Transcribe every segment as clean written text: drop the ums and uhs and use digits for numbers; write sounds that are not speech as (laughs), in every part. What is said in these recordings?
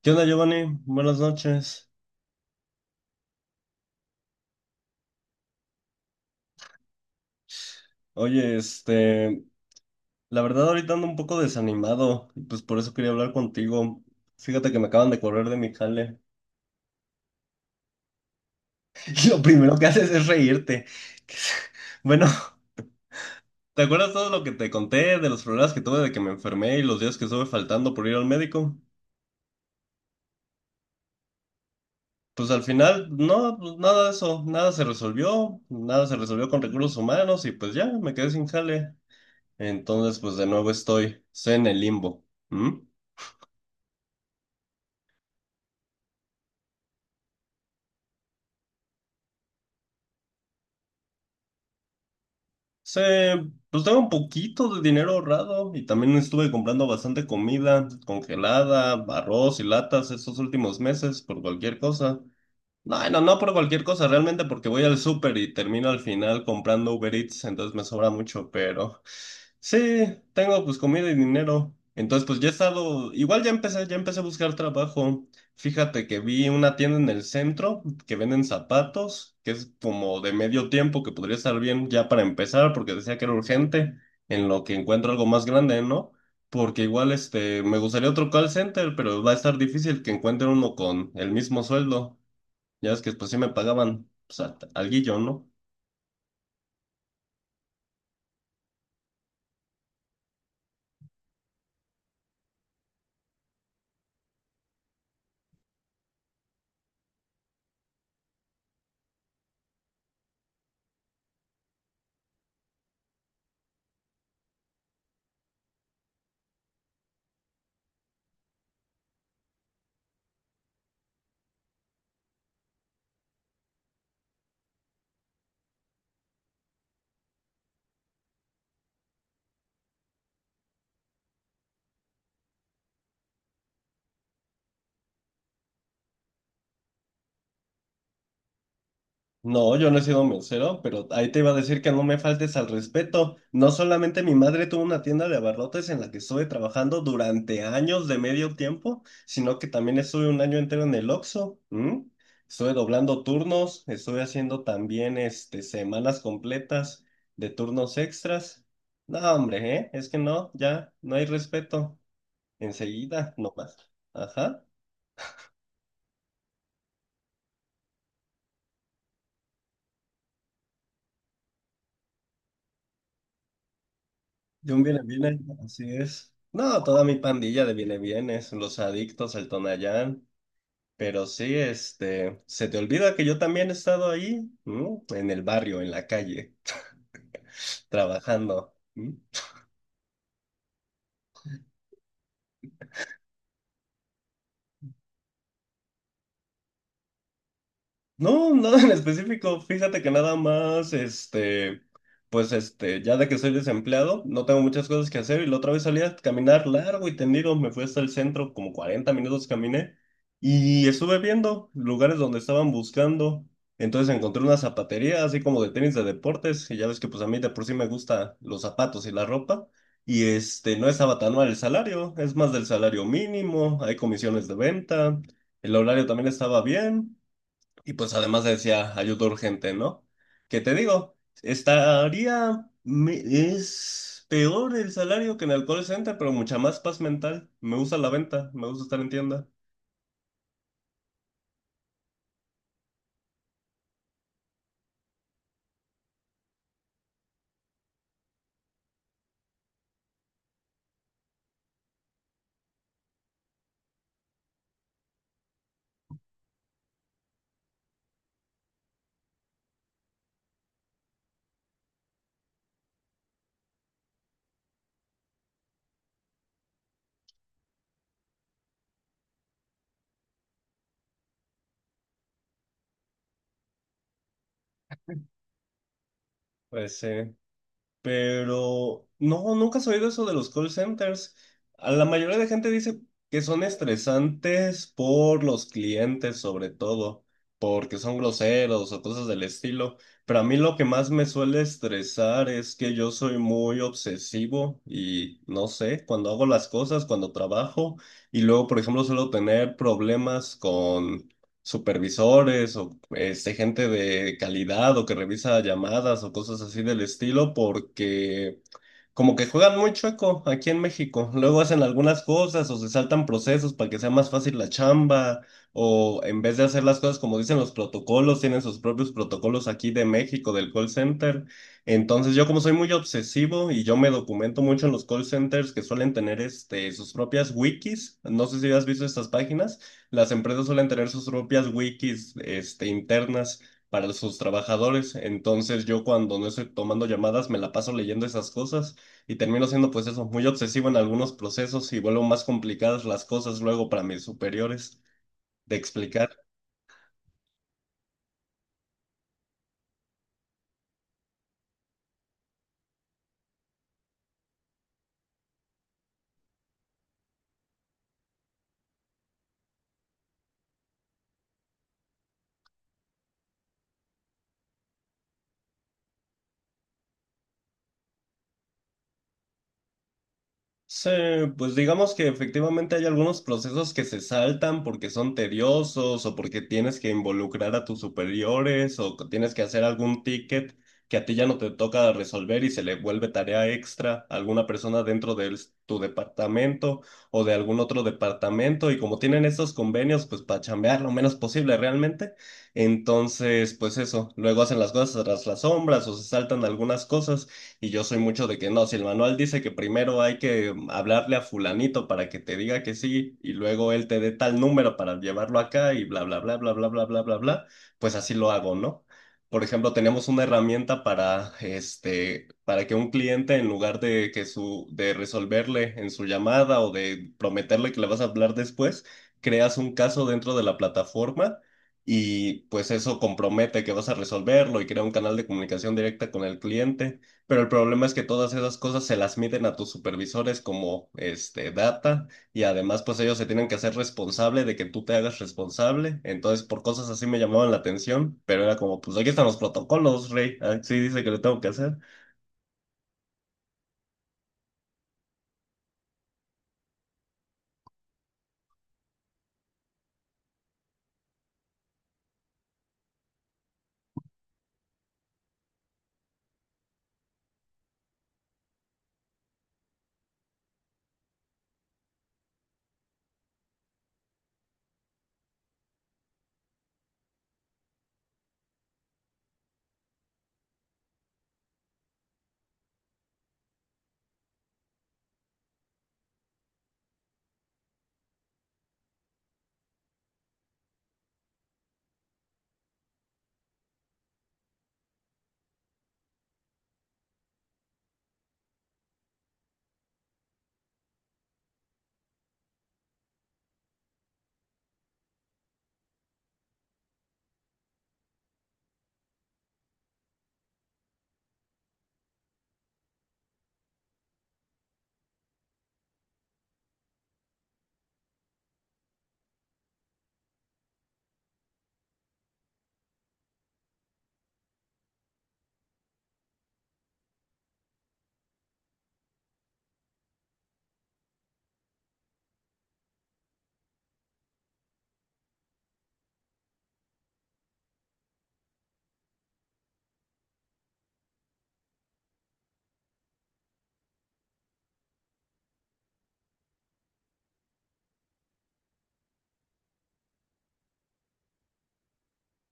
¿Qué onda, Giovanni? Buenas noches. Oye, la verdad ahorita ando un poco desanimado y pues por eso quería hablar contigo. Fíjate que me acaban de correr de mi jale. (laughs) Y lo primero que haces es reírte. (laughs) Bueno, ¿te acuerdas todo lo que te conté de los problemas que tuve de que me enfermé y los días que estuve faltando por ir al médico? Pues al final, no, pues, nada de eso, nada se resolvió, nada se resolvió con recursos humanos y pues ya, me quedé sin jale. Entonces, pues de nuevo estoy en el limbo. ¿Mm? Se, pues tengo un poquito de dinero ahorrado y también estuve comprando bastante comida congelada, arroz y latas estos últimos meses por cualquier cosa. No, no, no por cualquier cosa, realmente porque voy al súper y termino al final comprando Uber Eats, entonces me sobra mucho, pero sí, tengo pues comida y dinero. Entonces pues ya he estado, igual ya empecé a buscar trabajo. Fíjate que vi una tienda en el centro que venden zapatos, que es como de medio tiempo, que podría estar bien ya para empezar, porque decía que era urgente, en lo que encuentro algo más grande, ¿no? Porque igual me gustaría otro call center, pero va a estar difícil que encuentre uno con el mismo sueldo. Ya es que después sí me pagaban, pues, alguillo, ¿no? No, yo no he sido mesero, pero ahí te iba a decir que no me faltes al respeto. No solamente mi madre tuvo una tienda de abarrotes en la que estuve trabajando durante años de medio tiempo, sino que también estuve un año entero en el Oxxo. ¿M? Estuve doblando turnos, estuve haciendo también semanas completas de turnos extras. No, hombre, ¿eh? Es que no, ya, no hay respeto. Enseguida, nomás. Ajá. De un viene, viene, así es. No, toda mi pandilla de viene, vienes, los adictos, el Tonayán. Pero sí, se te olvida que yo también he estado ahí, ¿no? En el barrio, en la calle, trabajando. ¿Mm? No, nada en específico. Fíjate que nada más, ya de que soy desempleado, no tengo muchas cosas que hacer y la otra vez salí a caminar largo y tendido, me fui hasta el centro, como 40 minutos caminé y estuve viendo lugares donde estaban buscando. Entonces encontré una zapatería así como de tenis de deportes y ya ves que pues a mí de por sí me gusta los zapatos y la ropa y no estaba tan mal el salario, es más del salario mínimo, hay comisiones de venta, el horario también estaba bien. Y pues además decía ayuda urgente, ¿no? Que te digo, estaría, es peor el salario que en el call center, pero mucha más paz mental. Me gusta la venta, me gusta estar en tienda. Pues sí. Pero no, nunca has oído eso de los call centers. A la mayoría de gente dice que son estresantes por los clientes, sobre todo, porque son groseros o cosas del estilo. Pero a mí lo que más me suele estresar es que yo soy muy obsesivo y no sé, cuando hago las cosas, cuando trabajo, y luego, por ejemplo, suelo tener problemas con supervisores o gente de calidad o que revisa llamadas o cosas así del estilo, porque como que juegan muy chueco aquí en México. Luego hacen algunas cosas o se saltan procesos para que sea más fácil la chamba o en vez de hacer las cosas como dicen los protocolos, tienen sus propios protocolos aquí de México, del call center. Entonces yo como soy muy obsesivo y yo me documento mucho en los call centers que suelen tener sus propias wikis. No sé si has visto estas páginas. Las empresas suelen tener sus propias wikis internas para sus trabajadores. Entonces yo cuando no estoy tomando llamadas me la paso leyendo esas cosas y termino siendo pues eso, muy obsesivo en algunos procesos y vuelvo más complicadas las cosas luego para mis superiores de explicar. Sí, pues digamos que efectivamente hay algunos procesos que se saltan porque son tediosos o porque tienes que involucrar a tus superiores o que tienes que hacer algún ticket que a ti ya no te toca resolver y se le vuelve tarea extra a alguna persona dentro tu departamento o de algún otro departamento y como tienen estos convenios, pues para chambear lo menos posible realmente, entonces pues eso, luego hacen las cosas tras las sombras o se saltan algunas cosas. Y yo soy mucho de que no, si el manual dice que primero hay que hablarle a fulanito para que te diga que sí y luego él te dé tal número para llevarlo acá y bla, bla, bla, bla, bla, bla, bla, bla, bla, pues así lo hago, ¿no? Por ejemplo, tenemos una herramienta para, para que un cliente, en lugar de, que su, de resolverle en su llamada o de prometerle que le vas a hablar después, creas un caso dentro de la plataforma y pues eso compromete que vas a resolverlo y crea un canal de comunicación directa con el cliente. Pero el problema es que todas esas cosas se las miden a tus supervisores como data y además pues ellos se tienen que hacer responsable de que tú te hagas responsable. Entonces por cosas así me llamaban la atención, pero era como pues aquí están los protocolos, Rey, así dice que lo tengo que hacer.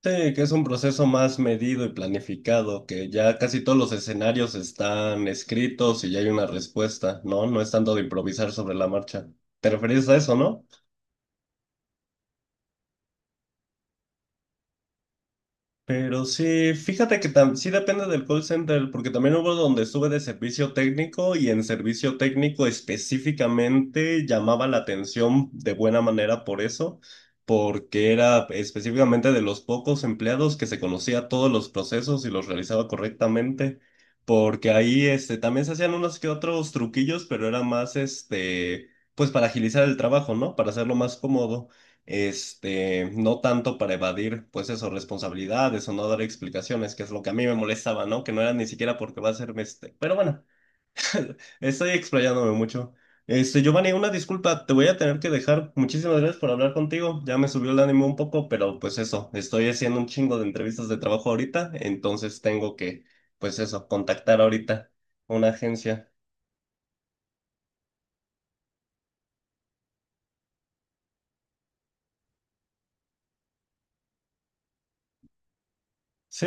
Sí, que es un proceso más medido y planificado, que ya casi todos los escenarios están escritos y ya hay una respuesta, ¿no? No es tanto de improvisar sobre la marcha. ¿Te referís a eso, no? Pero sí, fíjate que sí depende del call center, porque también hubo donde estuve de servicio técnico y en servicio técnico específicamente llamaba la atención de buena manera por eso, porque era específicamente de los pocos empleados que se conocía todos los procesos y los realizaba correctamente, porque ahí también se hacían unos que otros truquillos, pero era más pues para agilizar el trabajo, ¿no? Para hacerlo más cómodo no tanto para evadir, pues eso, responsabilidades o no dar explicaciones, que es lo que a mí me molestaba, ¿no? Que no era ni siquiera porque va a ser Pero bueno, (laughs) estoy explayándome mucho. Giovanni, una disculpa, te voy a tener que dejar. Muchísimas gracias por hablar contigo. Ya me subió el ánimo un poco, pero pues eso, estoy haciendo un chingo de entrevistas de trabajo ahorita, entonces tengo que, pues eso, contactar ahorita una agencia. Sí.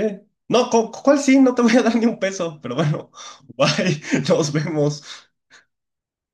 No, ¿cuál sí? No te voy a dar ni un peso, pero bueno, (laughs) bye, nos vemos.